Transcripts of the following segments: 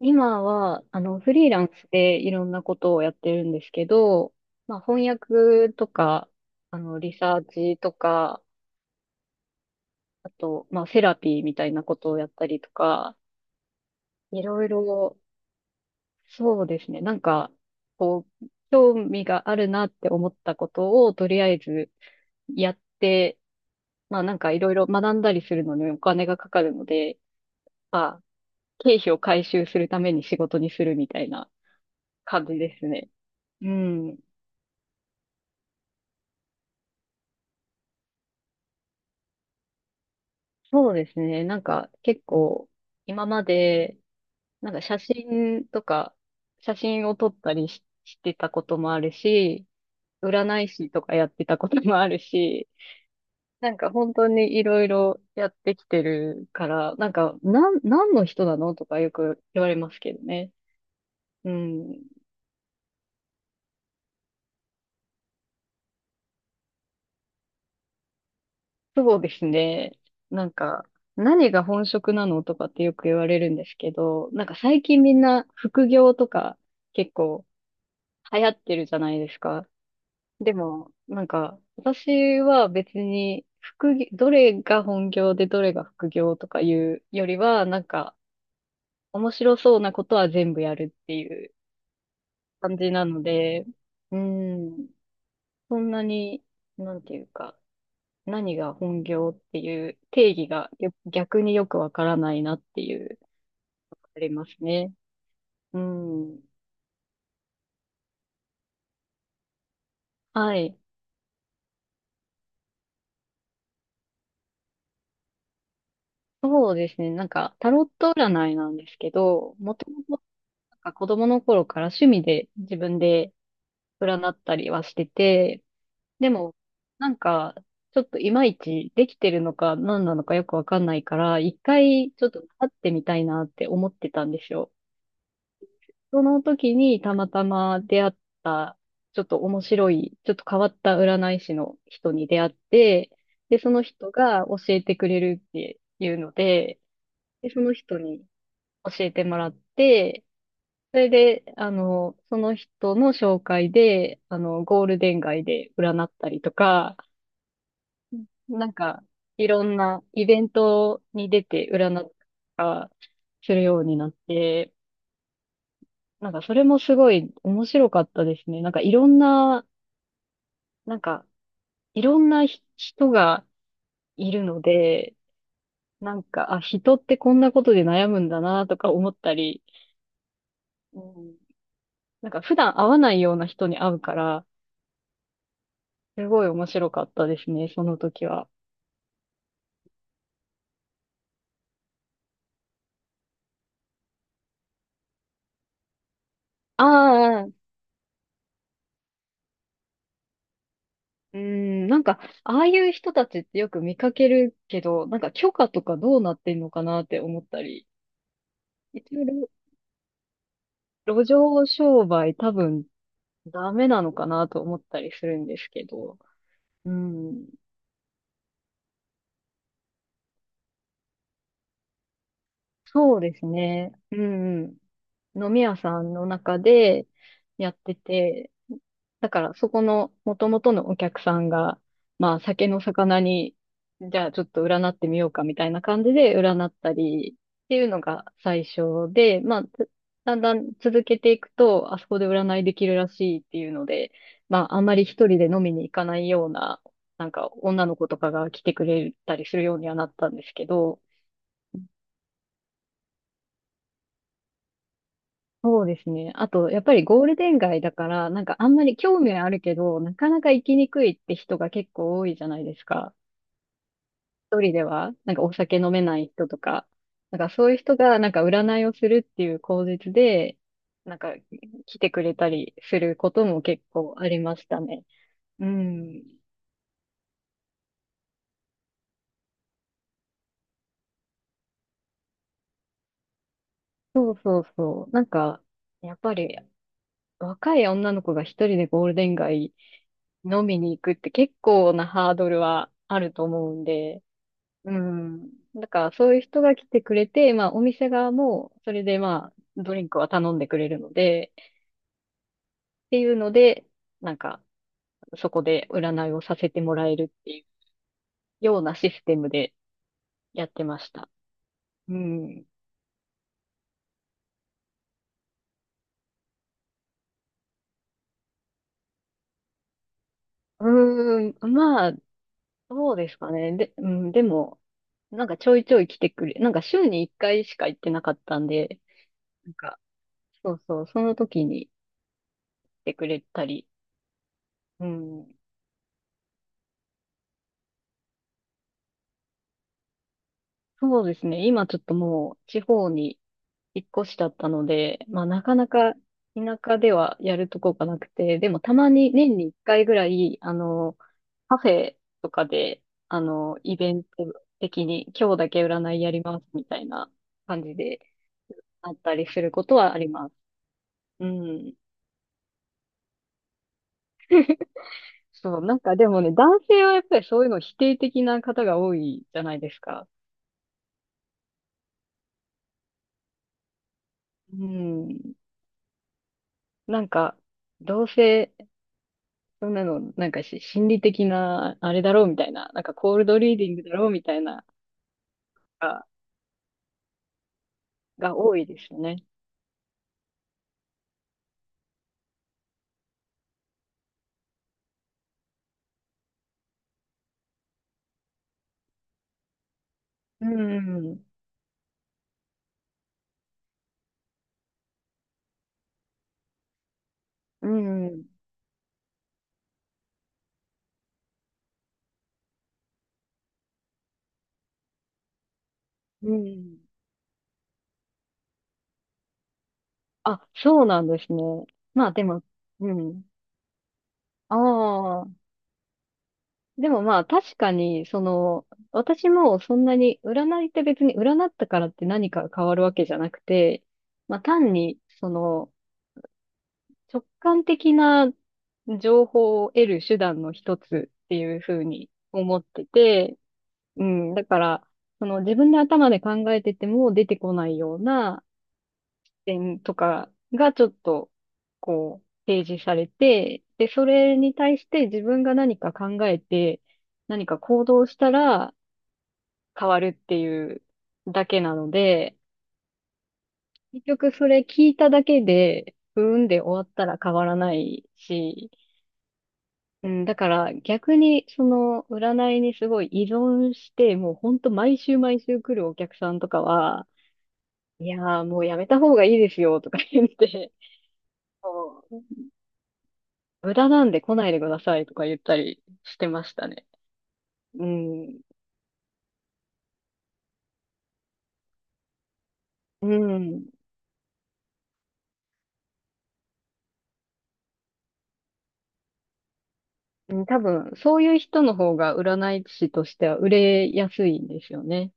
今は、フリーランスでいろんなことをやってるんですけど、まあ、翻訳とか、リサーチとか、あと、まあ、セラピーみたいなことをやったりとか、いろいろ、そうですね、なんか、こう、興味があるなって思ったことを、とりあえずやって、まあ、なんかいろいろ学んだりするのにお金がかかるので、まあ、経費を回収するために仕事にするみたいな感じですね。うん。そうですね。なんか結構今まで、なんか写真とか、写真を撮ったりしてたこともあるし、占い師とかやってたこともあるし、なんか本当にいろいろやってきてるから、なんか、何の人なのとかよく言われますけどね。うん。そうですね。なんか、何が本職なのとかってよく言われるんですけど、なんか最近みんな副業とか結構流行ってるじゃないですか。でも、なんか、私は別に、副業、どれが本業でどれが副業とかいうよりは、なんか、面白そうなことは全部やるっていう感じなので、うん、そんなに、なんていうか、何が本業っていう定義が逆によくわからないなっていう、ありますね。うん。はい。そうですね。なんか、タロット占いなんですけど、もともなんか子供の頃から趣味で自分で占ったりはしてて、でも、なんか、ちょっといまいちできてるのか何なのかよくわかんないから、一回ちょっと会ってみたいなって思ってたんですよ。その時にたまたま出会った、ちょっと面白い、ちょっと変わった占い師の人に出会って、で、その人が教えてくれるっていうので、で、その人に教えてもらって、それで、その人の紹介で、ゴールデン街で占ったりとか、なんか、いろんなイベントに出て占ったりとかするようになって、なんかそれもすごい面白かったですね。なんかいろんな、なんか、いろんな人がいるので、なんか、あ、人ってこんなことで悩むんだなとか思ったり、うん、なんか普段会わないような人に会うから、すごい面白かったですね、その時は。ああ、うん、なんか、ああいう人たちってよく見かけるけど、なんか許可とかどうなってんのかなって思ったり、一応、路上商売多分ダメなのかなと思ったりするんですけど、うん、そうですね。うん、うん。飲み屋さんの中でやってて、だから、そこの元々のお客さんが、まあ、酒の魚に、じゃあちょっと占ってみようかみたいな感じで占ったりっていうのが最初で、まあ、だんだん続けていくと、あそこで占いできるらしいっていうので、まあ、あんまり一人で飲みに行かないような、なんか女の子とかが来てくれたりするようにはなったんですけど、そうですね。あと、やっぱりゴールデン街だから、なんかあんまり興味はあるけど、なかなか行きにくいって人が結構多いじゃないですか。一人では、なんかお酒飲めない人とか、なんかそういう人が、なんか占いをするっていう口実で、なんか来てくれたりすることも結構ありましたね。うん。そうそうそう。なんか、やっぱり若い女の子が一人でゴールデン街飲みに行くって結構なハードルはあると思うんで、うん。だからそういう人が来てくれて、まあお店側もそれでまあドリンクは頼んでくれるので、っていうので、なんかそこで占いをさせてもらえるっていうようなシステムでやってました。うん。うーん、まあ、そうですかね。で、うん、でも、なんかちょいちょい来てくれ、なんか週に一回しか行ってなかったんで、なんか、そうそう、その時に来てくれたり、うん、そうですね。今ちょっともう地方に引っ越しだったので、まあなかなか田舎ではやるとこがなくて、でもたまに年に一回ぐらい、カフェとかで、イベント的に今日だけ占いやりますみたいな感じであったりすることはあります。うん。そう、なんかでもね、男性はやっぱりそういうの否定的な方が多いじゃないですか。うん。なんか、どうせ、そんなの、なんか心理的な、あれだろうみたいな、なんかコールドリーディングだろうみたいな、が、が多いですよね。うん。うん。うん。あ、そうなんですね。まあでも、うん。ああ、でもまあ確かに、その、私もそんなに、占いって別に占ったからって何か変わるわけじゃなくて、まあ単に、その、直感的な情報を得る手段の一つっていうふうに思ってて、うん、だから、その自分で頭で考えてても出てこないような、点とかがちょっと、こう、提示されて、で、それに対して自分が何か考えて、何か行動したら変わるっていうだけなので、結局それ聞いただけで、うーんで終わったら変わらないし、うん、だから逆にその占いにすごい依存して、もうほんと毎週毎週来るお客さんとかは、いやーもうやめた方がいいですよとか言って、無駄なんで来ないでくださいとか言ったりしてましたね。うん。うん。うん。多分、そういう人の方が占い師としては売れやすいんですよね。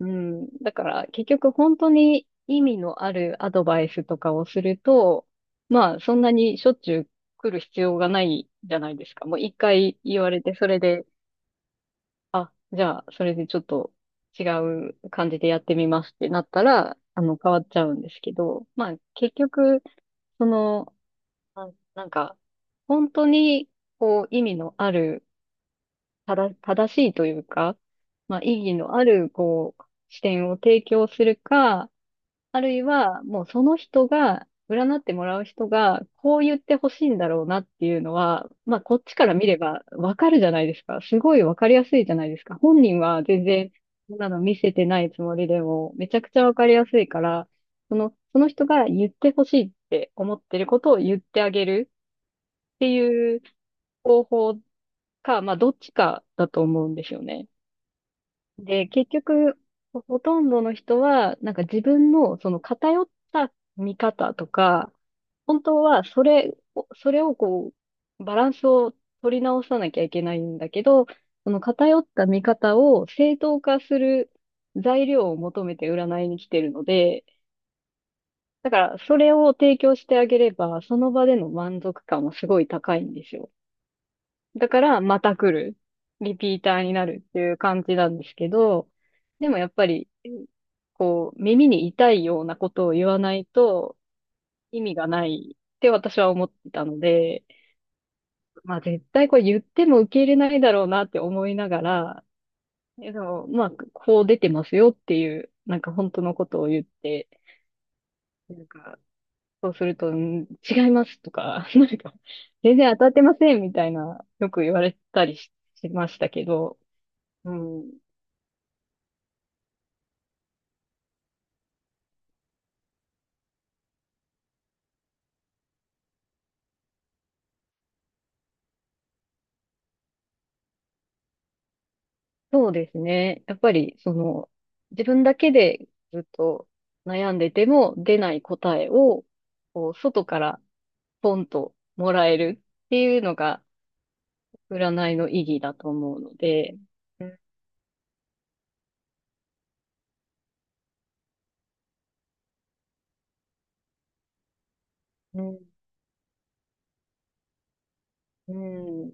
うん。だから、結局本当に意味のあるアドバイスとかをすると、まあ、そんなにしょっちゅう来る必要がないじゃないですか。もう一回言われて、それで、あ、じゃあ、それでちょっと違う感じでやってみますってなったら、変わっちゃうんですけど、まあ、結局、その、なんか、本当に、こう、意味のある、ただ、正しいというか、まあ、意義のある、こう、視点を提供するか、あるいは、もうその人が、占ってもらう人が、こう言ってほしいんだろうなっていうのは、まあ、こっちから見ればわかるじゃないですか。すごいわかりやすいじゃないですか。本人は全然、そんなの見せてないつもりでも、めちゃくちゃわかりやすいから、その人が言ってほしいって思ってることを言ってあげるっていう方法か、まあ、どっちかだと思うんですよね。で、結局、ほとんどの人は、なんか自分のその偏った見方とか、本当はそれをこう、バランスを取り直さなきゃいけないんだけど、その偏った見方を正当化する材料を求めて占いに来てるので、だからそれを提供してあげれば、その場での満足感もすごい高いんですよ。だから、また来る。リピーターになるっていう感じなんですけど、でもやっぱり、こう、耳に痛いようなことを言わないと意味がないって私は思ってたので、まあ絶対これ言っても受け入れないだろうなって思いながら、でも、まあ、こう出てますよっていう、なんか本当のことを言って、なんか、そうすると、違いますとか、なんか、全然当たってませんみたいな、よく言われたりしましたけど、うん。そうですね。やっぱり、その、自分だけでずっと悩んでても出ない答えを、こう、外からポンともらえるっていうのが、占いの意義だと思うので、うん、うん、うん、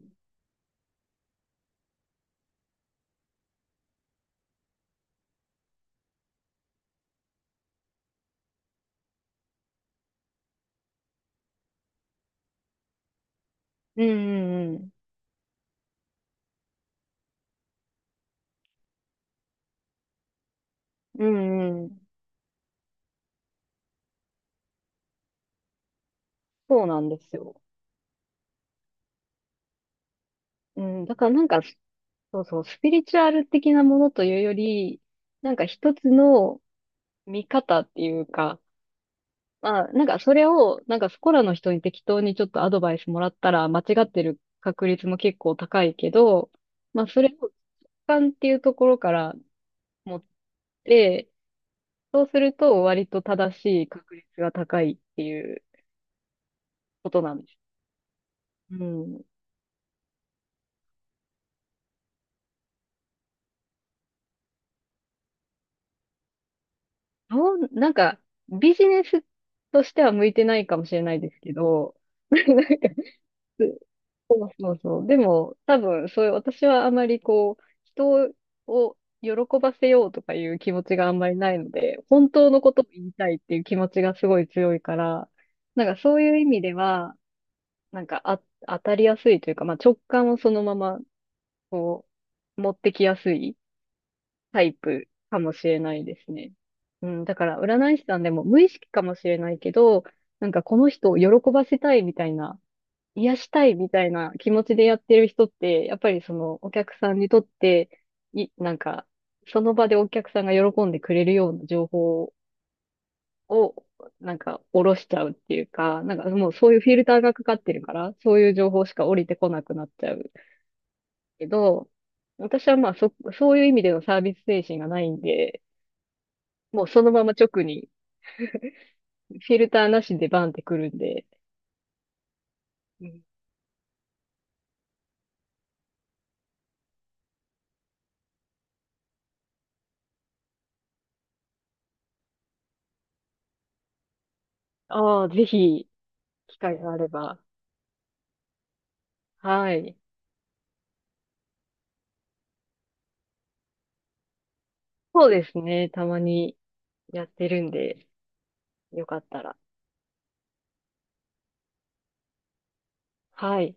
うん、うん、うん、そうなんですよ。うん、だからなんか、そうそう、スピリチュアル的なものというより、なんか一つの見方っていうか、まあ、なんかそれを、なんかそこらの人に適当にちょっとアドバイスもらったら間違ってる確率も結構高いけど、まあそれを直感っていうところから持って、そうすると割と正しい確率が高いっていうことなんです。うん。なんかビジネスとしては向いてないかもしれないですけど、そうそう。でも、多分、そういう、私はあまりこう、人を喜ばせようとかいう気持ちがあんまりないので、本当のことを言いたいっていう気持ちがすごい強いから、なんかそういう意味では、なんかあ、当たりやすいというか、まあ直感をそのまま、こう、持ってきやすいタイプかもしれないですね。うん、だから占い師さんでも無意識かもしれないけど、なんかこの人を喜ばせたいみたいな癒したいみたいな気持ちでやってる人って、やっぱりそのお客さんにとって、なんか、その場でお客さんが喜んでくれるような情報を、なんか、下ろしちゃうっていうか、なんかもうそういうフィルターがかかってるから、そういう情報しか降りてこなくなっちゃうけど、私はまあそういう意味でのサービス精神がないんで、もうそのまま直にフィルターなしでバンってくるんで、うん。ああ、ぜひ、機会があれば。はい。そうですね、たまに。やってるんで、よかったら。はい。